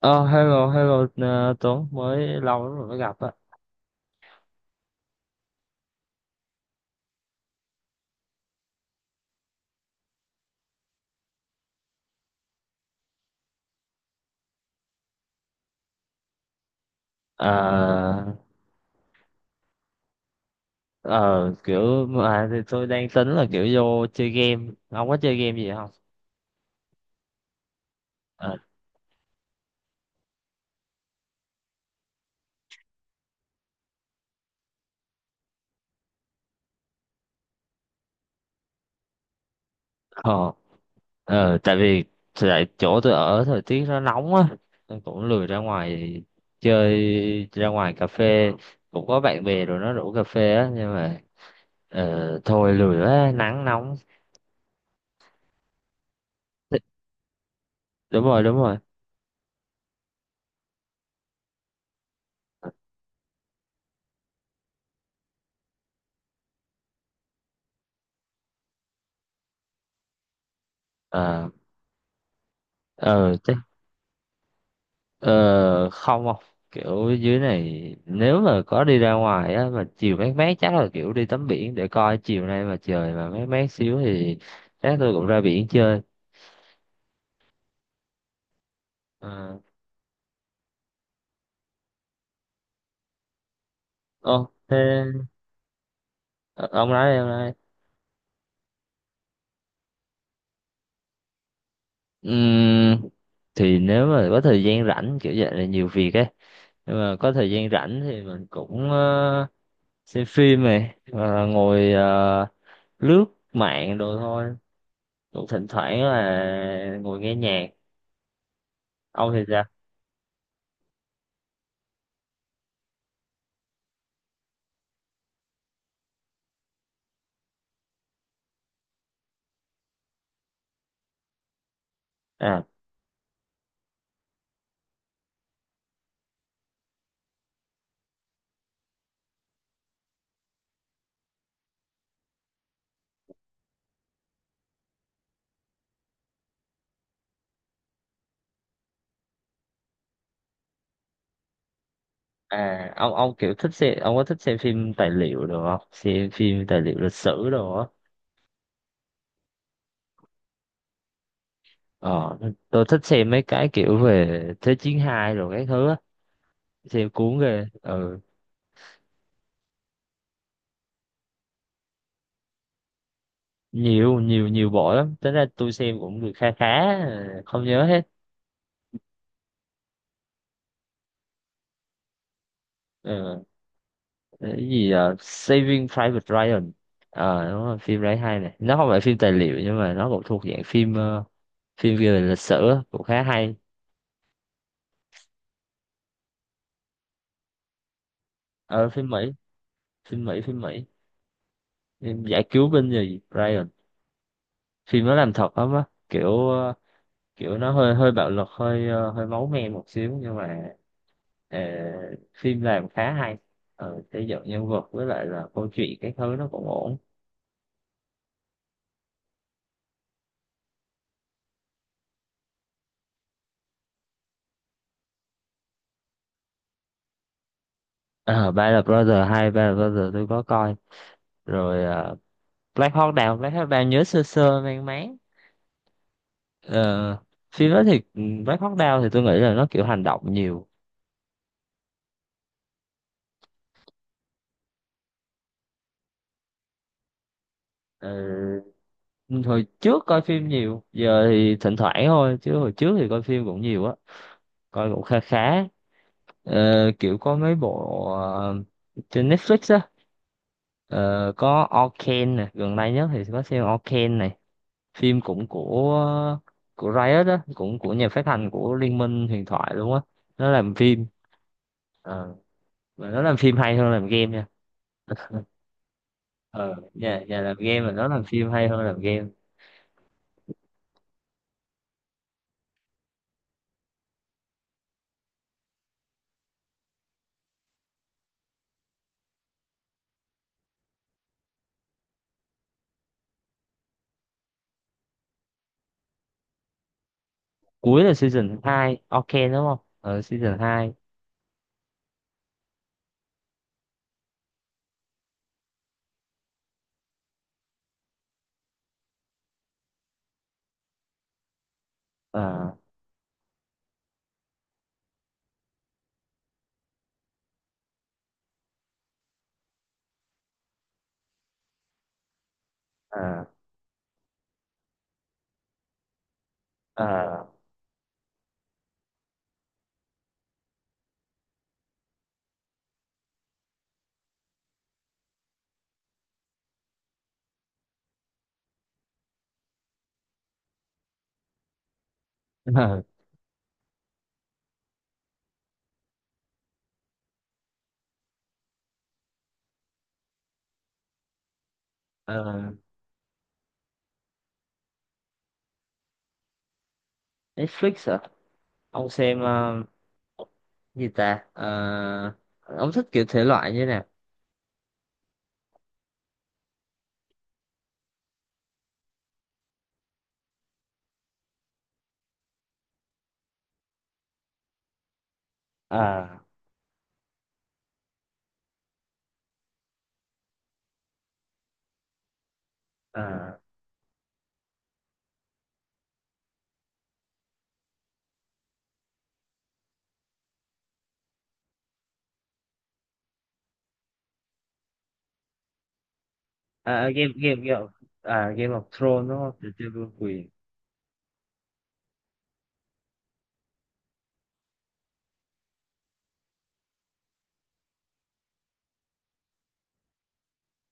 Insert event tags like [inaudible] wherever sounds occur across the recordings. Ờ, hello, hello, Tuấn, mới lâu lắm rồi mới gặp á. Ờ, ờ, kiểu, mà thì tôi đang tính là kiểu vô chơi game, ông có chơi game gì không? Ờ, ờ, tại vì tại chỗ tôi ở thời tiết nó nóng á, tôi cũng lười ra ngoài chơi, ra ngoài cà phê, cũng có bạn bè rồi nó rủ cà phê á, nhưng mà thôi lười quá, nắng nóng, đúng rồi, đúng rồi. Ờ, ờ, Ờ, không không, kiểu dưới này nếu mà có đi ra ngoài á mà chiều mát mát chắc là kiểu đi tắm biển, để coi chiều nay mà trời mà mát mát xíu thì chắc tôi cũng ra biển chơi. Ờ, Ô thế. Ờ, ông nói đi, ông nói đi. Ừm, thì nếu mà có thời gian rảnh kiểu vậy là nhiều việc ấy, nhưng mà có thời gian rảnh thì mình cũng xem phim này, hoặc là ngồi lướt mạng đồ thôi. Cũng thỉnh thoảng là ngồi nghe nhạc. Ông thì sao? À, à, Ông kiểu thích xem, ông có thích xem phim tài liệu được không, xem phim tài liệu lịch sử đồ á? ờ tôi thích xem mấy cái kiểu về Thế chiến hai rồi cái thứ á, xem cuốn ghê. Ừ. Nhiều nhiều nhiều bộ lắm, tính ra tôi xem cũng được khá khá, không nhớ hết. Ừ. Cái gì Saving Private Ryan. Đúng rồi, phim đấy hay này, nó không phải phim tài liệu nhưng mà nó cũng thuộc dạng phim phim về lịch sử á, cũng khá hay. ờ phim Mỹ phim Mỹ, phim giải cứu binh gì Ryan. Phim nó làm thật lắm á, kiểu kiểu nó hơi hơi bạo lực, hơi hơi máu me một xíu, nhưng mà ờ, phim làm khá hay. Xây dựng nhân vật với lại là câu chuyện cái thứ nó cũng ổn. Ờ, Band of Brothers, hay Band of Brothers tôi có coi rồi. Ờ, Black Hawk Down nhớ sơ sơ mang máng. Ờ, Phim đó thì Black Hawk Down thì tôi nghĩ là nó kiểu hành động nhiều. Ờ, Hồi trước coi phim nhiều, giờ thì thỉnh thoảng thôi, chứ hồi trước thì coi phim cũng nhiều á, coi cũng khá khá. Kiểu có mấy bộ trên Netflix á. Ờ, có Arcane nè, gần đây nhất thì có xem Arcane này. Phim cũng của Riot á, cũng của nhà phát hành của Liên minh huyền thoại luôn á. Nó làm phim. Ờ, mà nó làm phim hay hơn làm game nha. Ờ nhà nhà làm game mà nó làm phim hay hơn làm game. Cuối là season 2 Arcane đúng không? Ờ season 2. ờ ờ ờ [laughs] ờ ờ, Netflix hả? Ông xem gì ta? Ờ, ông thích kiểu thể loại như thế nào? À. À. Game game game Game of Thrones đúng không? Trò chơi vương quyền.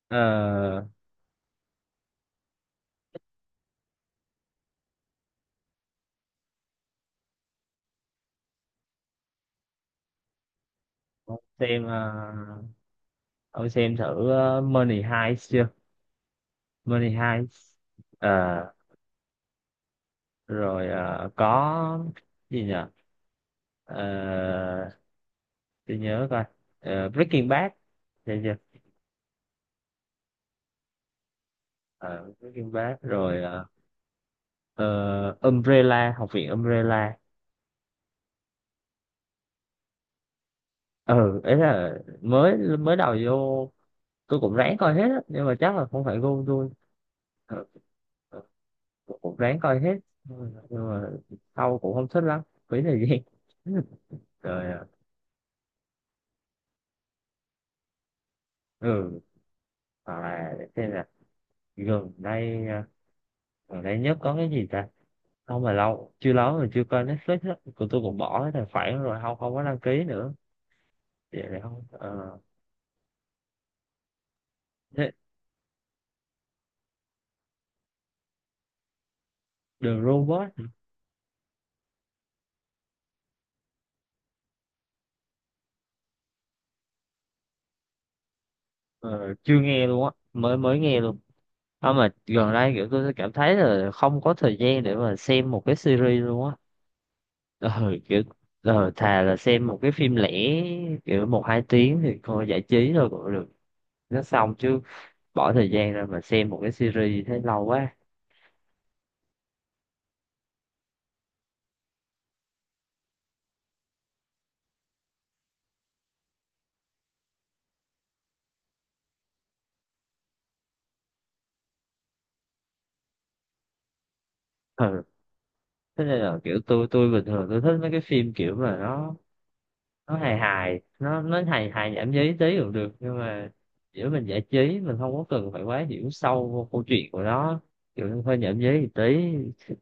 Ờ, ông xem ờ, ông xem thử Money Heist chưa? Money Heist. Ờ, Rồi, có gì nhỉ? Ờ, tôi nhớ coi Breaking Bad. Thấy chưa? Ờ, Breaking Bad rồi, ờ, Umbrella, học viện Umbrella. Ừ Ấy là mới mới đầu vô, tôi cũng ráng coi hết á nhưng mà chắc là không phải gu tôi. ừ, ừ, tôi cũng ráng coi hết nhưng mà sau cũng không thích lắm, phí thời gian. [laughs] Rồi. Ừ Hoặc là để xem là gần đây, gần đây nhất có cái gì ta? Không mà lâu, chưa lâu rồi chưa coi Netflix á, của tôi cũng bỏ cái tài khoản rồi, không không có đăng ký nữa. Vậy là không. Ờ Thế. The Robot hả? Ờ, Chưa nghe luôn á, mới mới nghe luôn. Không mà gần đây kiểu tôi cảm thấy là không có thời gian để mà xem một cái series luôn á. Ờ, Kiểu thà là xem một cái phim lẻ, kiểu một hai tiếng thì coi giải trí thôi cũng được. Nó xong chứ bỏ thời gian ra mà xem một cái series thấy lâu quá. Ừ. Thế nên là kiểu tôi bình thường tôi thích mấy cái phim kiểu mà nó hài hài, nó hài hài nhảm nhí tí cũng được, nhưng mà giữa mình giải trí mình không có cần phải quá hiểu sâu vô câu chuyện của nó, kiểu hơi nhảm nhí một tí,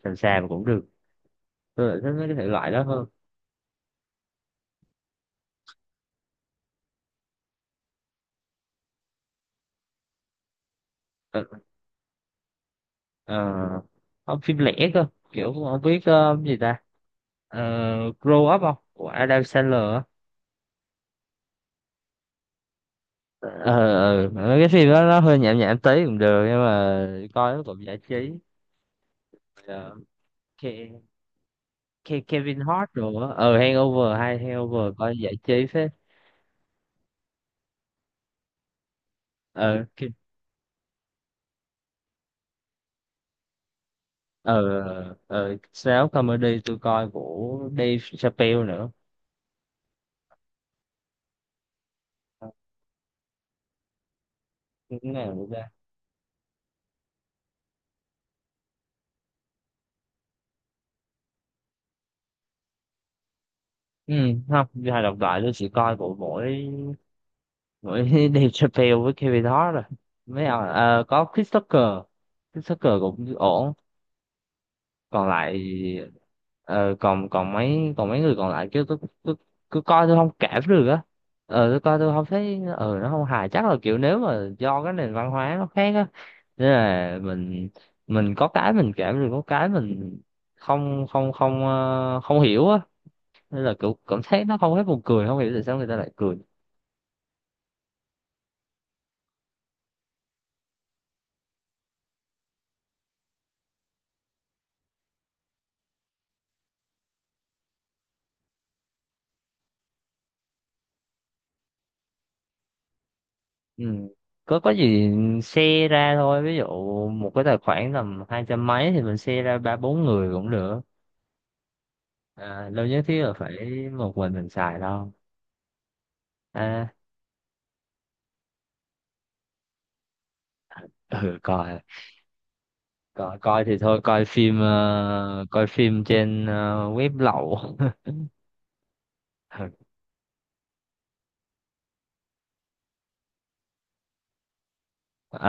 sàm sàm cũng được. Tôi lại thích mấy cái thể loại đó hơn. Ờ, ờ, Không, phim lẻ cơ, kiểu không biết gì ta. Ờ, Grow Up không của Adam Sandler á. Ờ, Mấy cái phim đó nó hơi nhảm nhảm tí cũng được nhưng mà coi nó cũng giải trí. Ờ, Ke- Kevin Hart rồi á. Ờ Hangover, hay Hangover coi giải trí phết. ờ Ke- ờ Sáu comedy tôi coi của Dave Chappelle nữa. Ờ, cái nào nữa ta? ừ Không, đi hài độc thoại tôi chỉ coi của mỗi Mỗi [laughs] Dave Chappelle với Kevin Hart rồi. Mấy ông có Chris Tucker, Chris Tucker cũng ổn. Còn lại ờ, còn còn mấy người còn lại kêu tôi cứ coi tôi không cảm được á. Tôi coi tôi không thấy nó không hài, chắc là kiểu nếu mà do cái nền văn hóa nó khác á, nên là mình có cái mình cảm được, có cái mình không không không ờ, không hiểu á, nên là kiểu cảm thấy nó không hết buồn cười, không hiểu tại sao người ta lại cười. Ừ. Có gì share ra thôi, ví dụ một cái tài khoản tầm hai trăm mấy thì mình share ra ba bốn người cũng được. Đâu nhất thiết là phải một mình xài đâu. à, ừ coi coi coi thì thôi, coi phim coi phim trên web lậu. [laughs] Ừ.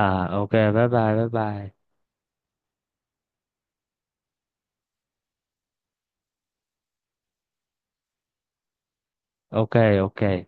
Ok, bye bye bye bye. Ok. Ok.